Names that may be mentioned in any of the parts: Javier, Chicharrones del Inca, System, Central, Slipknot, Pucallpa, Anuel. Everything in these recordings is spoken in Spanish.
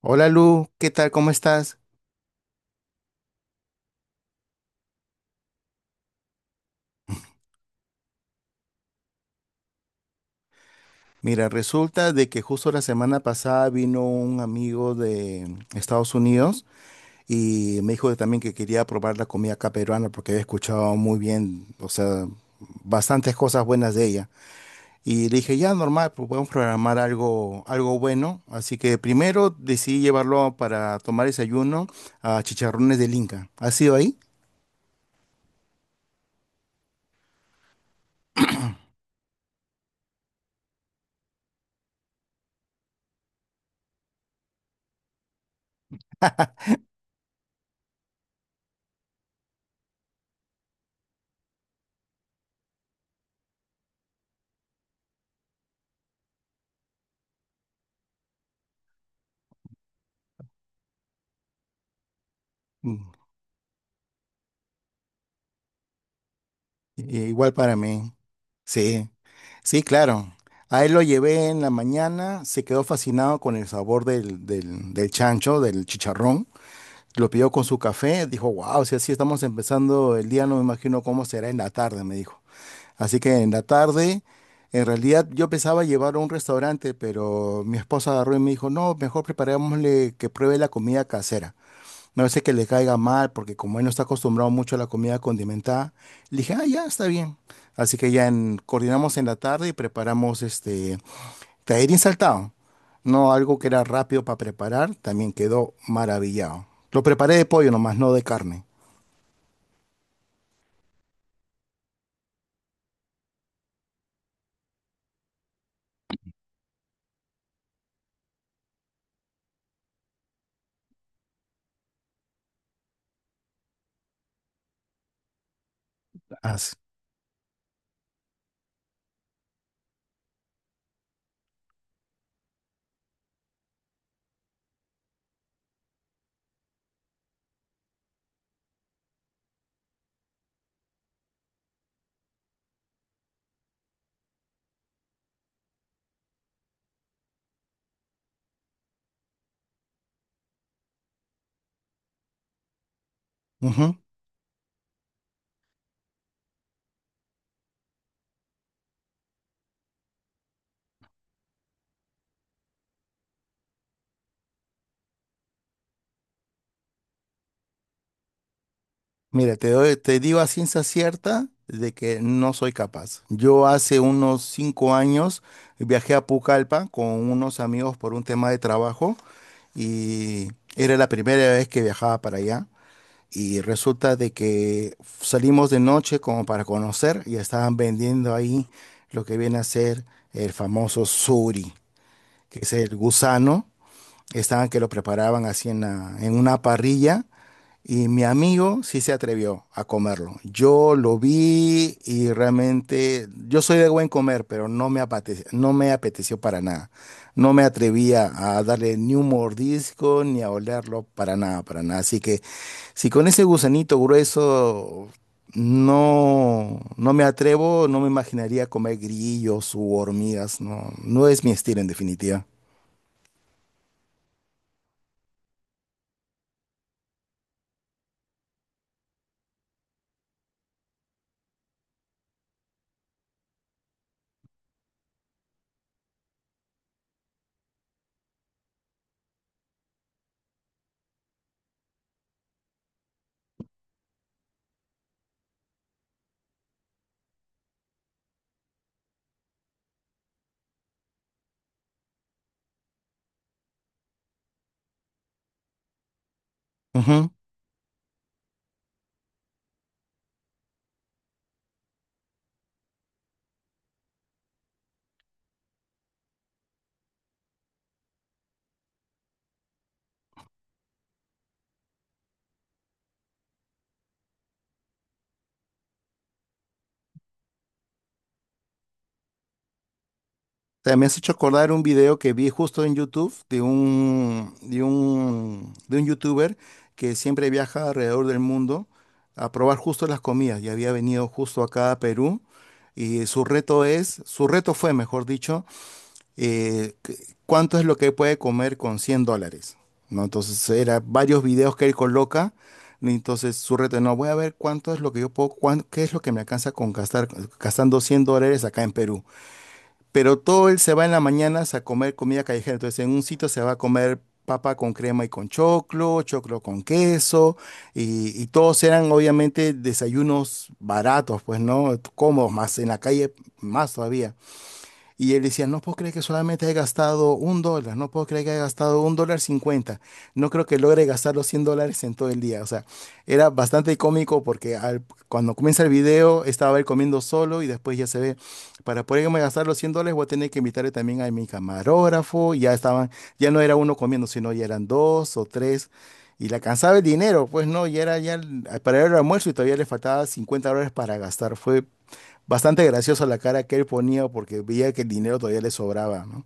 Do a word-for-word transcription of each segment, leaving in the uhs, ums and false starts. Hola Lu, ¿qué tal? ¿Cómo estás? Mira, resulta de que justo la semana pasada vino un amigo de mm, Estados Unidos y me dijo también que quería probar la comida acá peruana porque había escuchado muy bien, o sea, bastantes cosas buenas de ella. Y le dije, ya normal, pues podemos programar algo, algo bueno. Así que primero decidí llevarlo para tomar desayuno a Chicharrones del Inca. ¿Has sido ahí? Mm, i- igual para mí, sí. Sí, claro. A él lo llevé en la mañana, se quedó fascinado con el sabor del, del, del chancho, del chicharrón. Lo pidió con su café, dijo, wow, si así estamos empezando el día, no me imagino cómo será en la tarde, me dijo. Así que en la tarde, en realidad yo pensaba llevarlo a un restaurante, pero mi esposa agarró y me dijo, no, mejor preparémosle que pruebe la comida casera. Me hace que le caiga mal, porque como él no está acostumbrado mucho a la comida condimentada, le dije, ah, ya, está bien. Así que ya en- coordinamos en la tarde y preparamos este tallarín saltado. No algo que era rápido para preparar, también quedó maravillado. Lo preparé de pollo nomás, no de carne. Así. Ujú. Mira, te doy- te digo a ciencia cierta de que no soy capaz. Yo hace unos cinco años viajé a Pucallpa con unos amigos por un tema de trabajo y era la primera vez que viajaba para allá y resulta de que salimos de noche como para conocer y estaban vendiendo ahí lo que viene a ser el famoso suri, que es el gusano, estaban que lo preparaban así en, la- en una parrilla y mi amigo sí se atrevió a comerlo. Yo lo vi y realmente yo soy de buen comer, pero no me apeteció, no me apeteció para nada. No me atrevía a darle ni un mordisco ni a olerlo para nada, para nada. Así que si con ese gusanito grueso no, no me atrevo, no me imaginaría comer grillos u hormigas. No, no es mi estilo en definitiva. Ujú. O sea, me has hecho acordar un video que vi justo en YouTube de un, de un, de un youtuber que siempre viaja alrededor del mundo a probar justo las comidas y había venido justo acá a Perú y su reto es, su reto fue, mejor dicho, eh, c- cuánto es lo que puede comer con cien dólares, ¿no? Entonces, era varios videos que él coloca. Y entonces su reto, no, voy a ver cuánto es lo que yo puedo, cuán- qué es lo que me alcanza con gastar, gastando cien dólares acá en Perú. Pero todo él se va en las mañanas a comer comida callejera. Entonces, en un sitio se va a comer papa con crema y con choclo, choclo con queso, y, y todos eran obviamente desayunos baratos, pues, ¿no? Cómodos, más en la calle, más todavía. Y él decía, no puedo creer que solamente he gastado un dólar, no puedo creer que he gastado un dólar cincuenta, no creo que logre gastar los cien dólares en todo el día. O sea, era bastante cómico porque al- cuando comienza el video estaba él comiendo solo y después ya se ve, para poderme gastar los cien dólares voy a tener que invitarle también a mi camarógrafo, y ya estaban, ya no era uno comiendo, sino ya eran dos o tres. Y la alcanzaba el dinero, pues no, ya era ya el- para el almuerzo y todavía le faltaba cincuenta dólares para gastar. Fue bastante graciosa la cara que él ponía porque veía que el dinero todavía le sobraba, ¿no?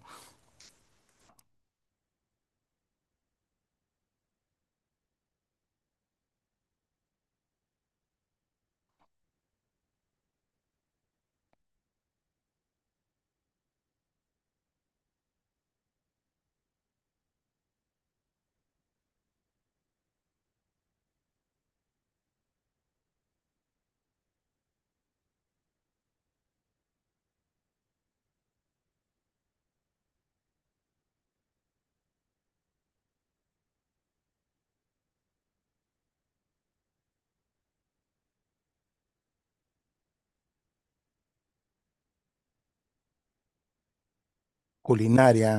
Culinaria.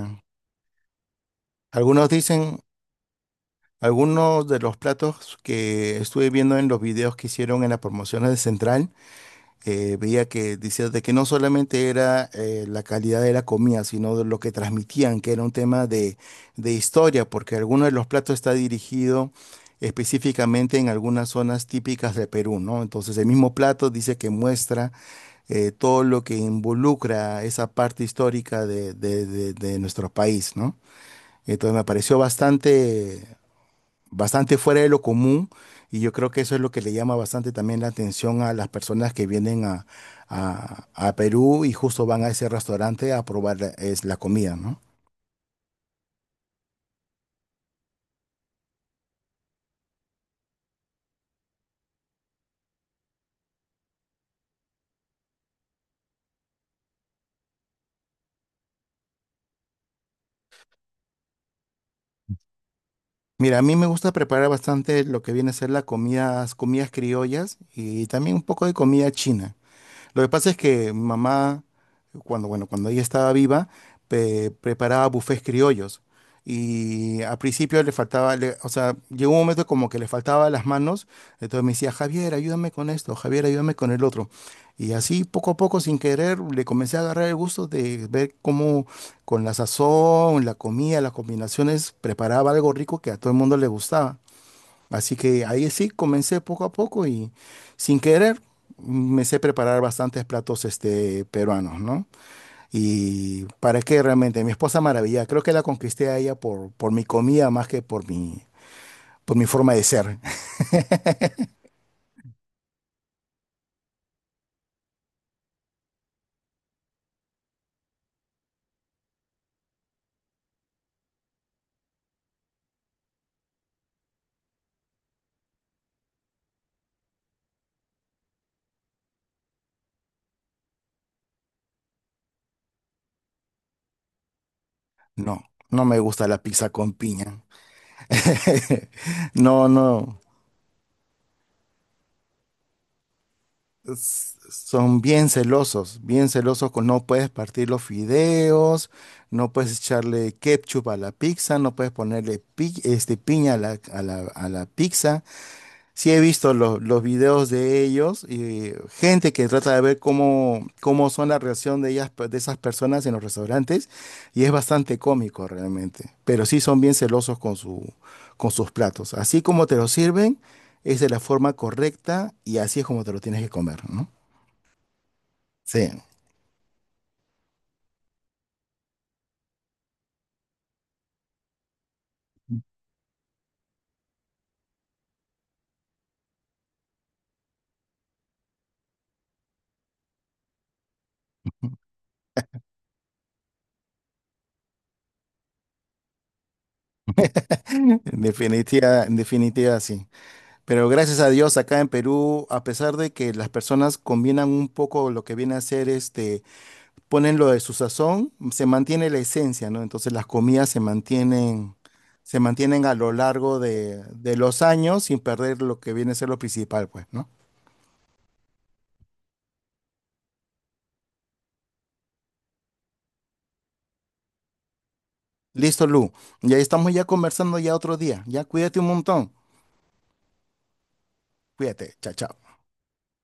Algunos dicen, algunos de los platos que estuve viendo en los videos que hicieron en las promociones de Central, eh, veía que decía de que no solamente era eh, la calidad de la comida, sino de lo que transmitían, que era un tema de, de historia, porque alguno de los platos está dirigido específicamente en algunas zonas típicas de Perú, ¿no? Entonces el mismo plato dice que muestra eh, todo lo que involucra esa parte histórica de, de- de- de nuestro país, ¿no? Entonces me pareció bastante, bastante fuera de lo común y yo creo que eso es lo que le llama bastante también la atención a las personas que vienen a, a- a Perú y justo van a ese restaurante a probar la- es la comida, ¿no? Mira, a mí me gusta preparar bastante lo que viene a ser la comidas comidas criollas y también un poco de comida china. Lo que pasa es que mamá, cuando, bueno, cuando ella estaba viva, pe- preparaba bufés criollos. Y al principio le faltaba, le- o sea, llegó un momento como que le faltaba las manos. Entonces me decía, Javier, ayúdame con esto, Javier, ayúdame con el otro. Y así poco a poco, sin querer, le comencé a agarrar el gusto de ver cómo con la sazón, la comida, las combinaciones, preparaba algo rico que a todo el mundo le gustaba. Así que ahí sí, comencé poco a poco y sin querer me sé preparar bastantes platos este, peruanos, ¿no? Y para qué realmente, mi esposa maravilla, creo que la conquisté a ella por, por mi comida más que por mi, por mi forma de ser. No, no me gusta la pizza con piña. No, no. S- son bien celosos, bien celosos con no puedes partir los fideos, no puedes echarle ketchup a la pizza, no puedes ponerle pi- este, piña a la, a la- a la pizza. Sí he visto lo- los videos de ellos y gente que trata de ver cómo, cómo son la reacción de ellas, de esas personas en los restaurantes y es bastante cómico realmente, pero sí son bien celosos con su, con sus platos. Así como te lo sirven, es de la forma correcta y así es como te lo tienes que comer, ¿no? Sí, en definitiva, en definitiva sí. Pero gracias a Dios acá en Perú, a pesar de que las personas combinan un poco lo que viene a ser este, ponen lo de su sazón, se mantiene la esencia, ¿no? Entonces las comidas se mantienen, se mantienen a lo largo de, de los años sin perder lo que viene a ser lo principal, pues, ¿no? Listo, Lu. Y ahí estamos ya conversando ya otro día. Ya cuídate un montón. Cuídate. Chao, chao.